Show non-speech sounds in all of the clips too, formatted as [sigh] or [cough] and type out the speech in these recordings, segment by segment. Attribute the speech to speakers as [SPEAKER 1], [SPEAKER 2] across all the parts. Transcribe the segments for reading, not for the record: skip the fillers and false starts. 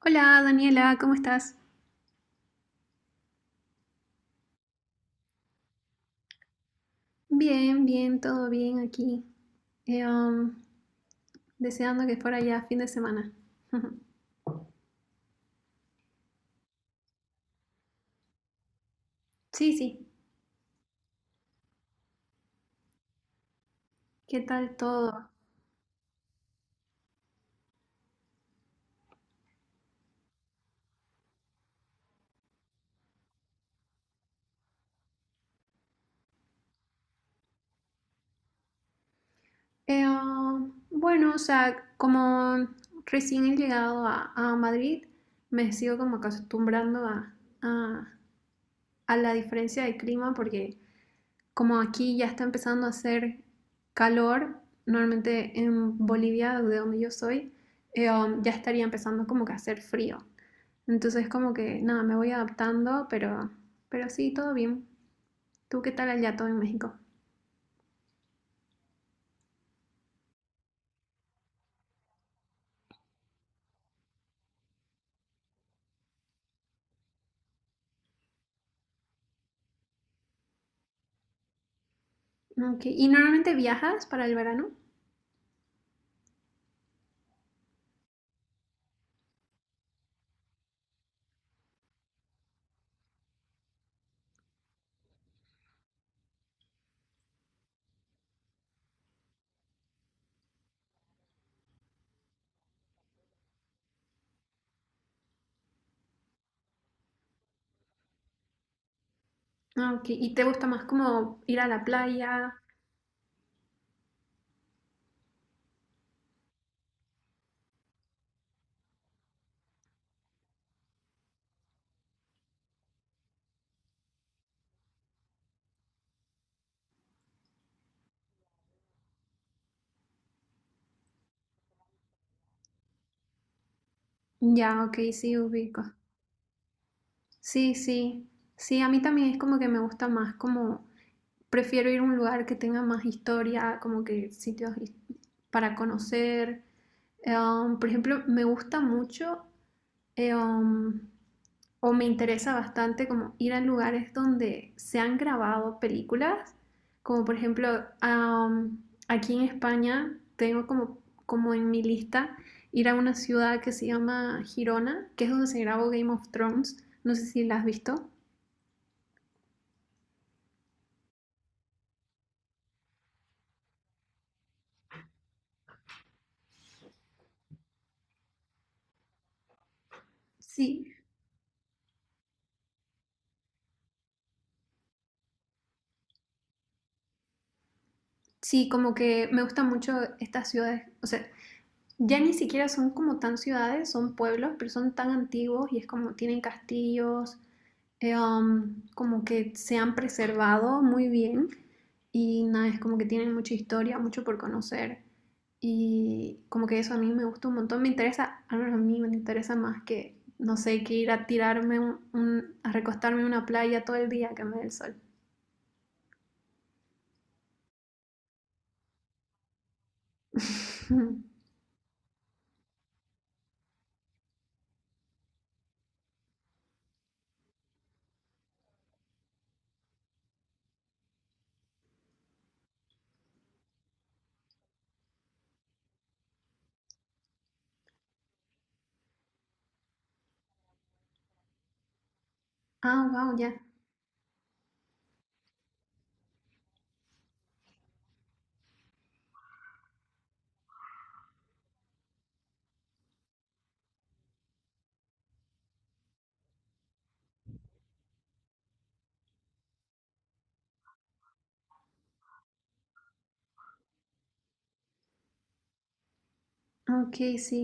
[SPEAKER 1] Hola Daniela, ¿cómo estás? Bien, bien, todo bien aquí. Eh, um, Deseando que fuera ya fin de semana. [laughs] Sí, sí, ¿qué tal todo? Bueno, o sea, como recién he llegado a Madrid, me sigo como acostumbrando a- a la diferencia de clima porque como aquí ya está empezando a hacer calor. Normalmente en Bolivia, de donde yo soy, ya estaría empezando como que a hacer frío. Entonces como que nada, me voy adaptando, pero sí, todo bien. ¿Tú qué tal allá todo en México? Ok. ¿Y normalmente viajas para el verano? Ah, ok, ¿y te gusta más como ir a la playa? Ya, ok, sí, ubico. Sí, sí, sí, a mí también es como que me gusta más como, prefiero ir a un lugar que tenga más historia, como que para conocer. Por ejemplo, me gusta mucho eh, um, o me interesa bastante como ir a lugares donde se han grabado películas, como por ejemplo am, aquí en España tengo como, como en mi lista ir a una ciudad que se llama Girona, que es donde se grabó Game of Thrones, no sé si la has visto. Sí. Sí, como que me gustan mucho estas ciudades, o sea, ya ni siquiera son como tan ciudades, son pueblos, pero son tan antiguos y es como tienen castillos, como que se han preservado muy bien y nada, es como que tienen mucha historia, mucho por conocer y como que eso a mí me gusta un montón, me interesa, al menos a mí me interesa más que, no sé, que ir a tirarme, a recostarme en una playa todo el día que me dé el sol. [laughs] Ah, wow, ya. Yeah. Ok, sí.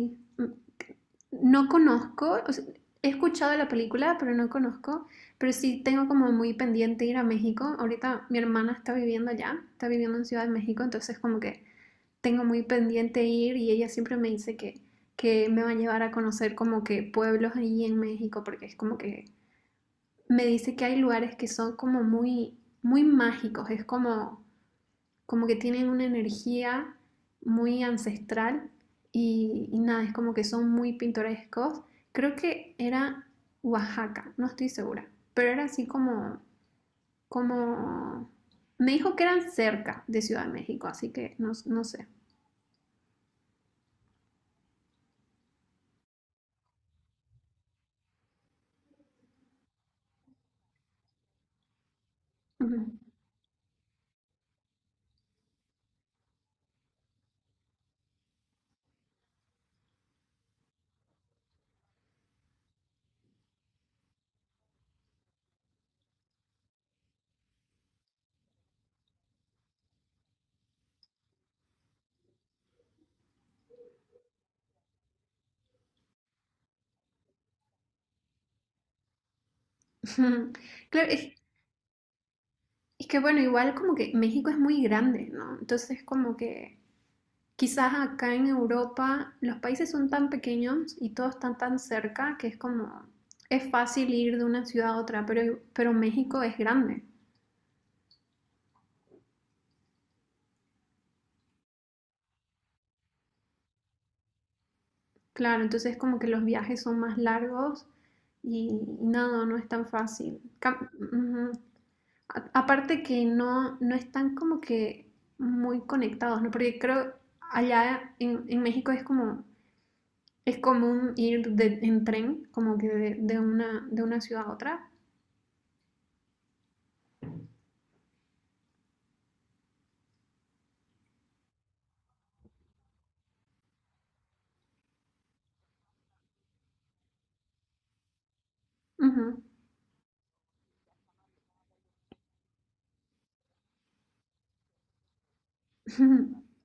[SPEAKER 1] No conozco, o sea, he escuchado de la película, pero no conozco. Pero sí tengo como muy pendiente ir a México. Ahorita mi hermana está viviendo allá, está viviendo en Ciudad de México, entonces como que tengo muy pendiente ir y ella siempre me dice que me va a llevar a conocer como que pueblos ahí en México, porque es como que me dice que hay lugares que son como muy, muy mágicos, es como como que tienen una energía muy ancestral y nada, es como que son muy pintorescos. Creo que era Oaxaca, no estoy segura, pero era así como, como, me dijo que eran cerca de Ciudad de México, así que no, no sé. Ujú. [laughs] Claro, es que bueno, igual como que México es muy grande, ¿no? Entonces como que quizás acá en Europa los países son tan pequeños y todos están tan cerca que es como, es fácil ir de una ciudad a otra, pero México es grande. Claro, entonces como que los viajes son más largos y, y nada, no es tan fácil. Ujú. A- aparte que no, no están como que muy conectados, ¿no? Porque creo allá en México es como, es común ir en tren, como que de una ciudad a otra. Ujú. [laughs]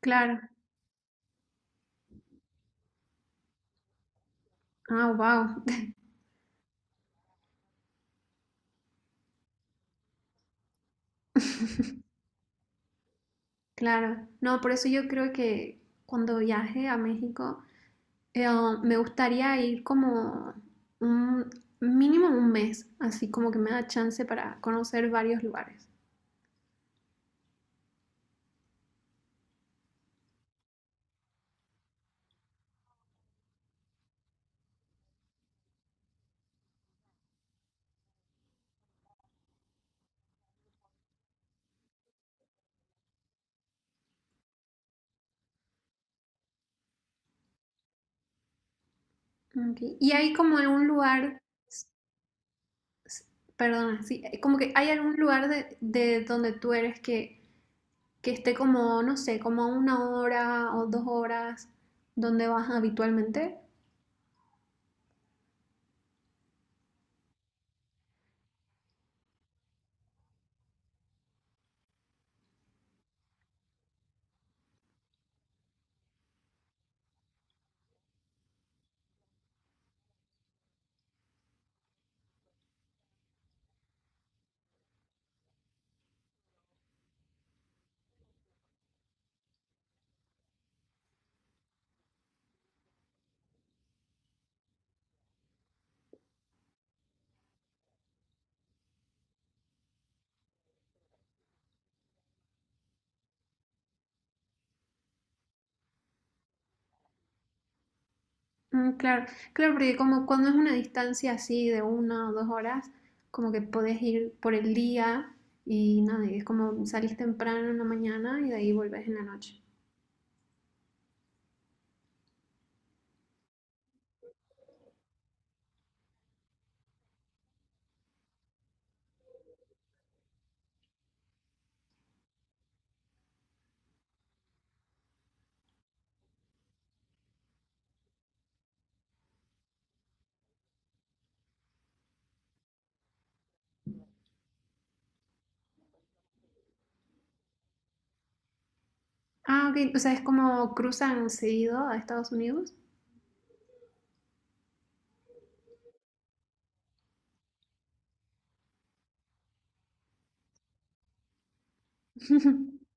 [SPEAKER 1] Claro, ah, wow, [laughs] claro. No, por eso yo creo que cuando viaje a México, oh, me gustaría ir como un mínimo un mes, así como que me da chance para conocer varios lugares. Ok, y hay como algún lugar, s- s- perdona, sí, como que hay algún lugar de donde tú eres que esté como, no sé, como a una hora o dos horas donde vas habitualmente. Mm, claro, claro, porque como cuando es una distancia así de una o dos horas, como que podés ir por el día y nada, y es como salís temprano en la mañana y de ahí volvés en la noche. Ah, ok, o sea, es como cruzan seguido a Estados Unidos. [laughs]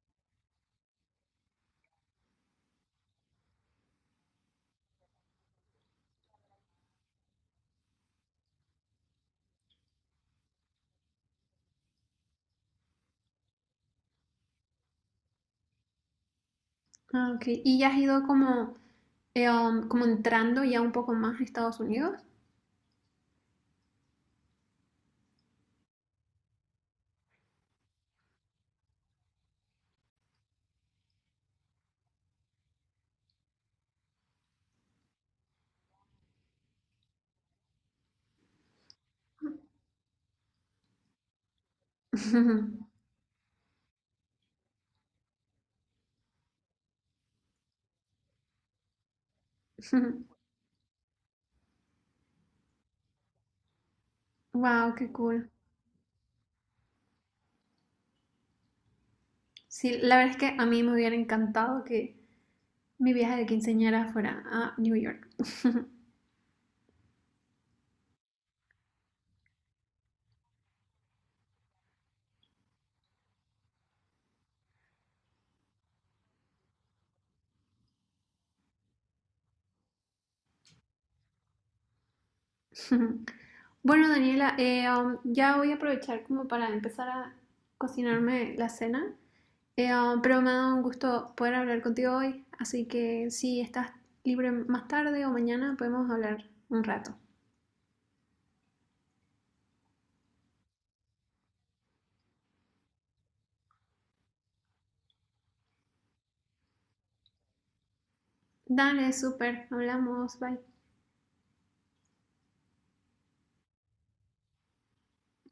[SPEAKER 1] Ah, ok, y ya has ido como, como entrando ya un poco más a Estados Unidos. [laughs] Wow, qué cool. Sí, la verdad es que a mí me hubiera encantado que mi viaje de quinceañera fuera a New York. [laughs] Bueno, Daniela, ya voy a aprovechar como para empezar a cocinarme la cena. Pero me ha dado un gusto poder hablar contigo hoy, así que si estás libre más tarde o mañana podemos hablar un rato. Dale, súper, hablamos, bye.